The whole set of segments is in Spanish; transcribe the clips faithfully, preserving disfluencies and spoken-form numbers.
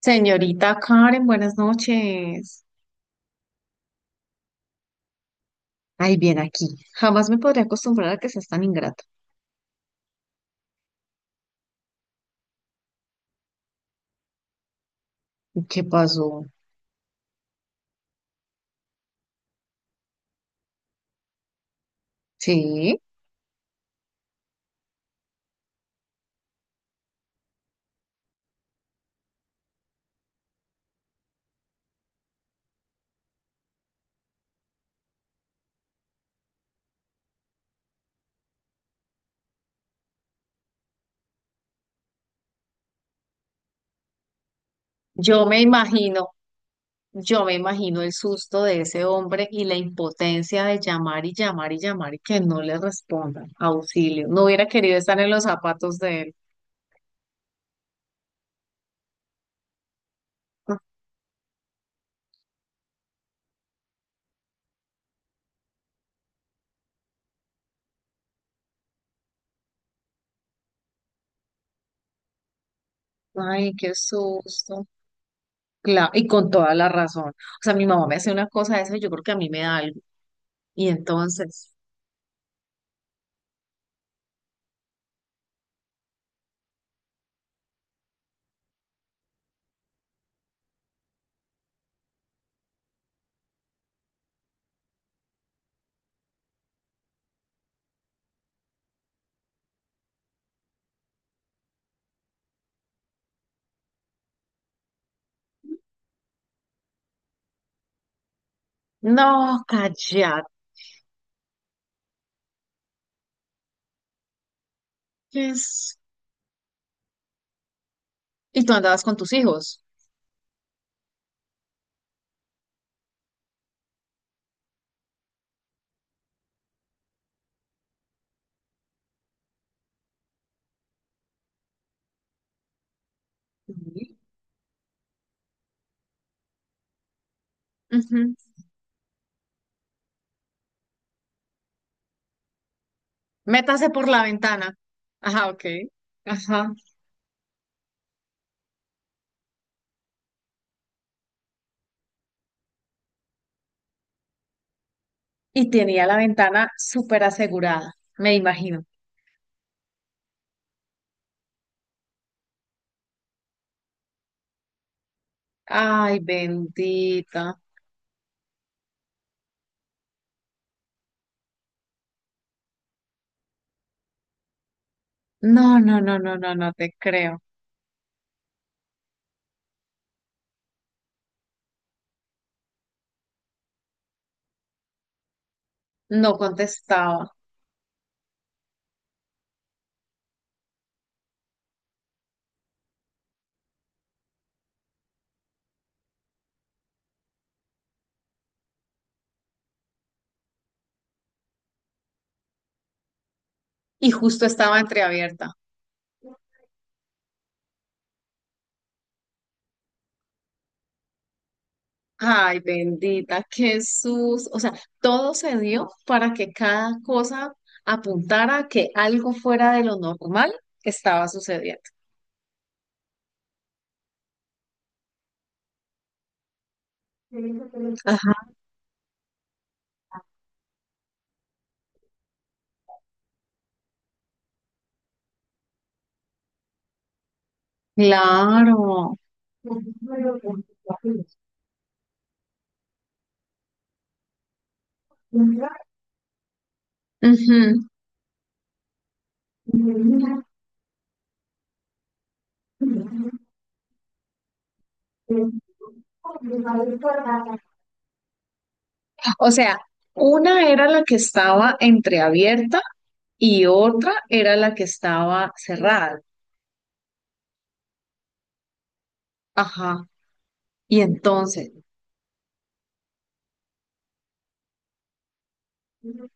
Señorita Karen, buenas noches. Ay, bien aquí. Jamás me podría acostumbrar a que seas tan ingrata. ¿Y ¿Qué pasó? Sí, yo me imagino, yo me imagino el susto de ese hombre y la impotencia de llamar y llamar y llamar y que no le respondan. Auxilio. No hubiera querido estar en los zapatos de él. Ay, qué susto. Claro, y con toda la razón. O sea, mi mamá me hace una cosa de eso y yo creo que a mí me da algo. Y entonces, no, callate. Y tú andabas con tus hijos. Sí. Ujú. Métase por la ventana. Ajá, ok. Ajá. Y tenía la ventana súper asegurada, me imagino. Ay, bendita. No, no, no, no, no, no te creo. No contestaba. Y justo estaba entreabierta. Ay, bendita, Jesús. O sea, todo se dio para que cada cosa apuntara a que algo fuera de lo normal estaba sucediendo. Claro. Ujú. O sea, una era la que estaba entreabierta y otra era la que estaba cerrada. Ajá. Y entonces, ujú.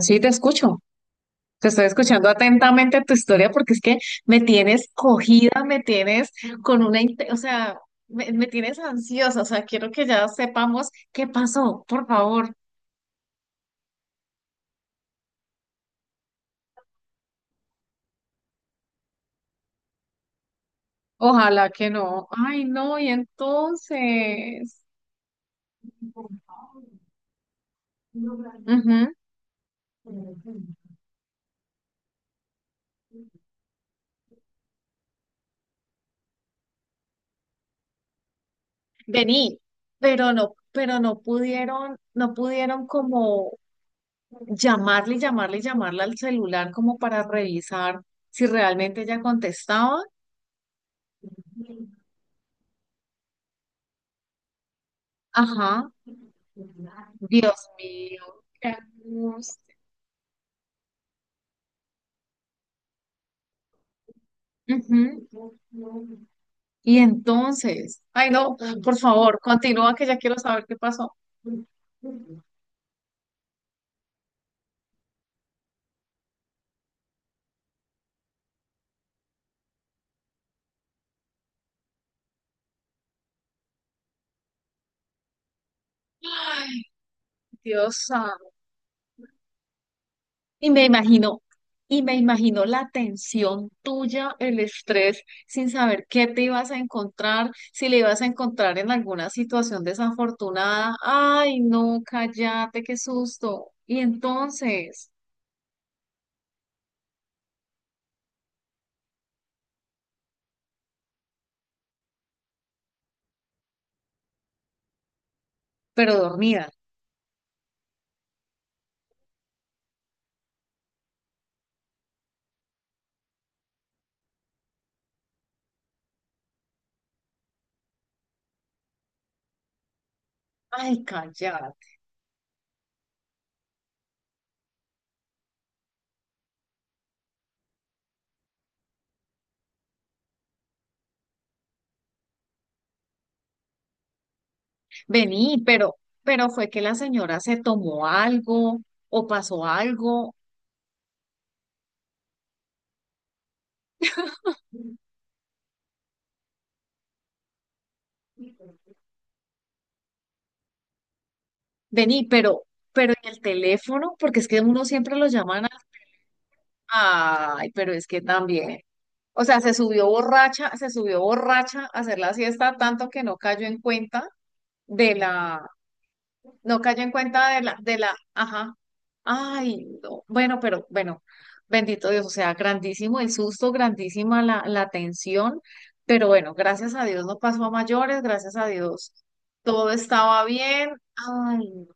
Sí, te escucho. Te estoy escuchando atentamente tu historia porque es que me tienes cogida, me tienes con una, inte- o sea, me, me tienes ansiosa, o sea, quiero que ya sepamos qué pasó, por favor. Ojalá que no. Ay, no, y entonces. Ujú. Vení, pero no, pero no pudieron, no pudieron como llamarle, y llamarle, y llamarle al celular como para revisar si realmente ella contestaba. Ajá. Dios mío, qué angustia. Ujú. Y entonces, ay no, por favor, continúa que ya quiero saber qué pasó. Ay, Dios santo. Y me imagino, y me imagino la tensión tuya, el estrés, sin saber qué te ibas a encontrar, si le ibas a encontrar en alguna situación desafortunada. Ay, no, cállate, qué susto. Y entonces, pero dormida. Ay, cállate. Vení, pero, pero fue que la señora se tomó algo o pasó algo. Vení, pero, pero en el teléfono, porque es que uno siempre lo llaman al- Ay, pero es que también. O sea, se subió borracha, se subió borracha a hacer la siesta tanto que no cayó en cuenta de la, no cayó en cuenta de la, de la, ajá. Ay, no. Bueno, pero bueno, bendito Dios, o sea, grandísimo el susto, grandísima la, la tensión, pero bueno, gracias a Dios no pasó a mayores, gracias a Dios todo estaba bien. Ay, no,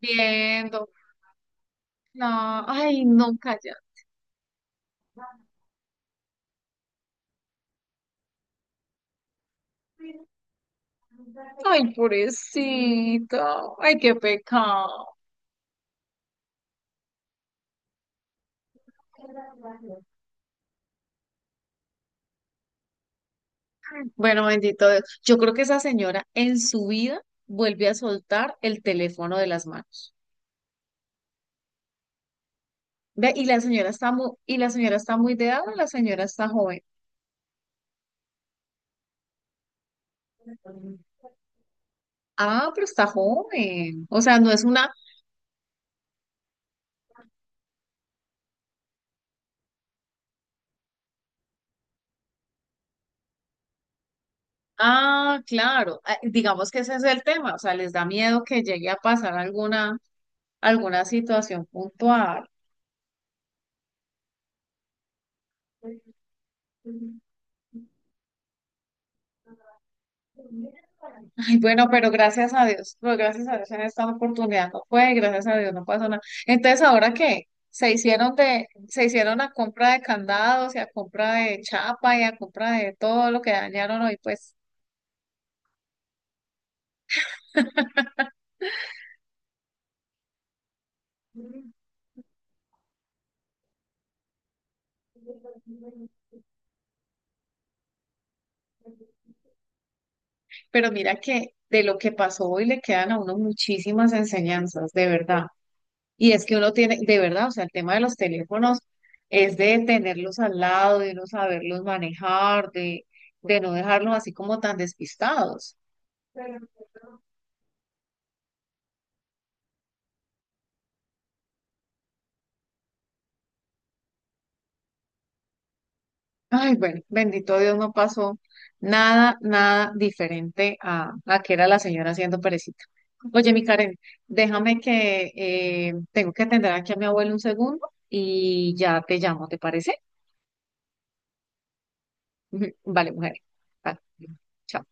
viendo. La- ay, no, calla. Ay, pobrecita. Ay, qué pecado. Bueno, bendito Dios. Yo creo que esa señora en su vida vuelve a soltar el teléfono de las manos. Ve, y la señora está muy, y la señora está muy de edad o la señora está joven. Ah, pero está joven. O sea, no es una. Ah, claro. Ah, digamos que ese es el tema. O sea, les da miedo que llegue a pasar alguna, alguna situación puntual. Ay, bueno, pero gracias a Dios. Pues gracias a Dios en esta oportunidad no fue, gracias a Dios no pasó nada. Entonces, ¿ahora qué? Se hicieron de, se hicieron a compra de candados y a compra de chapa y a compra de todo lo que dañaron hoy, pues. Pero mira que de lo que pasó hoy le quedan a uno muchísimas enseñanzas, de verdad. Y es que uno tiene, de verdad, o sea, el tema de los teléfonos es de tenerlos al lado, de no saberlos manejar, de, de no dejarlos así como tan despistados. Ay, bueno, bendito Dios, no pasó nada, nada diferente a, a que era la señora haciendo perecita. Oye, mi Karen, déjame que eh, tengo que atender aquí a mi abuelo un segundo y ya te llamo, ¿te parece? Ujú. Vale, mujer. Ah, chao.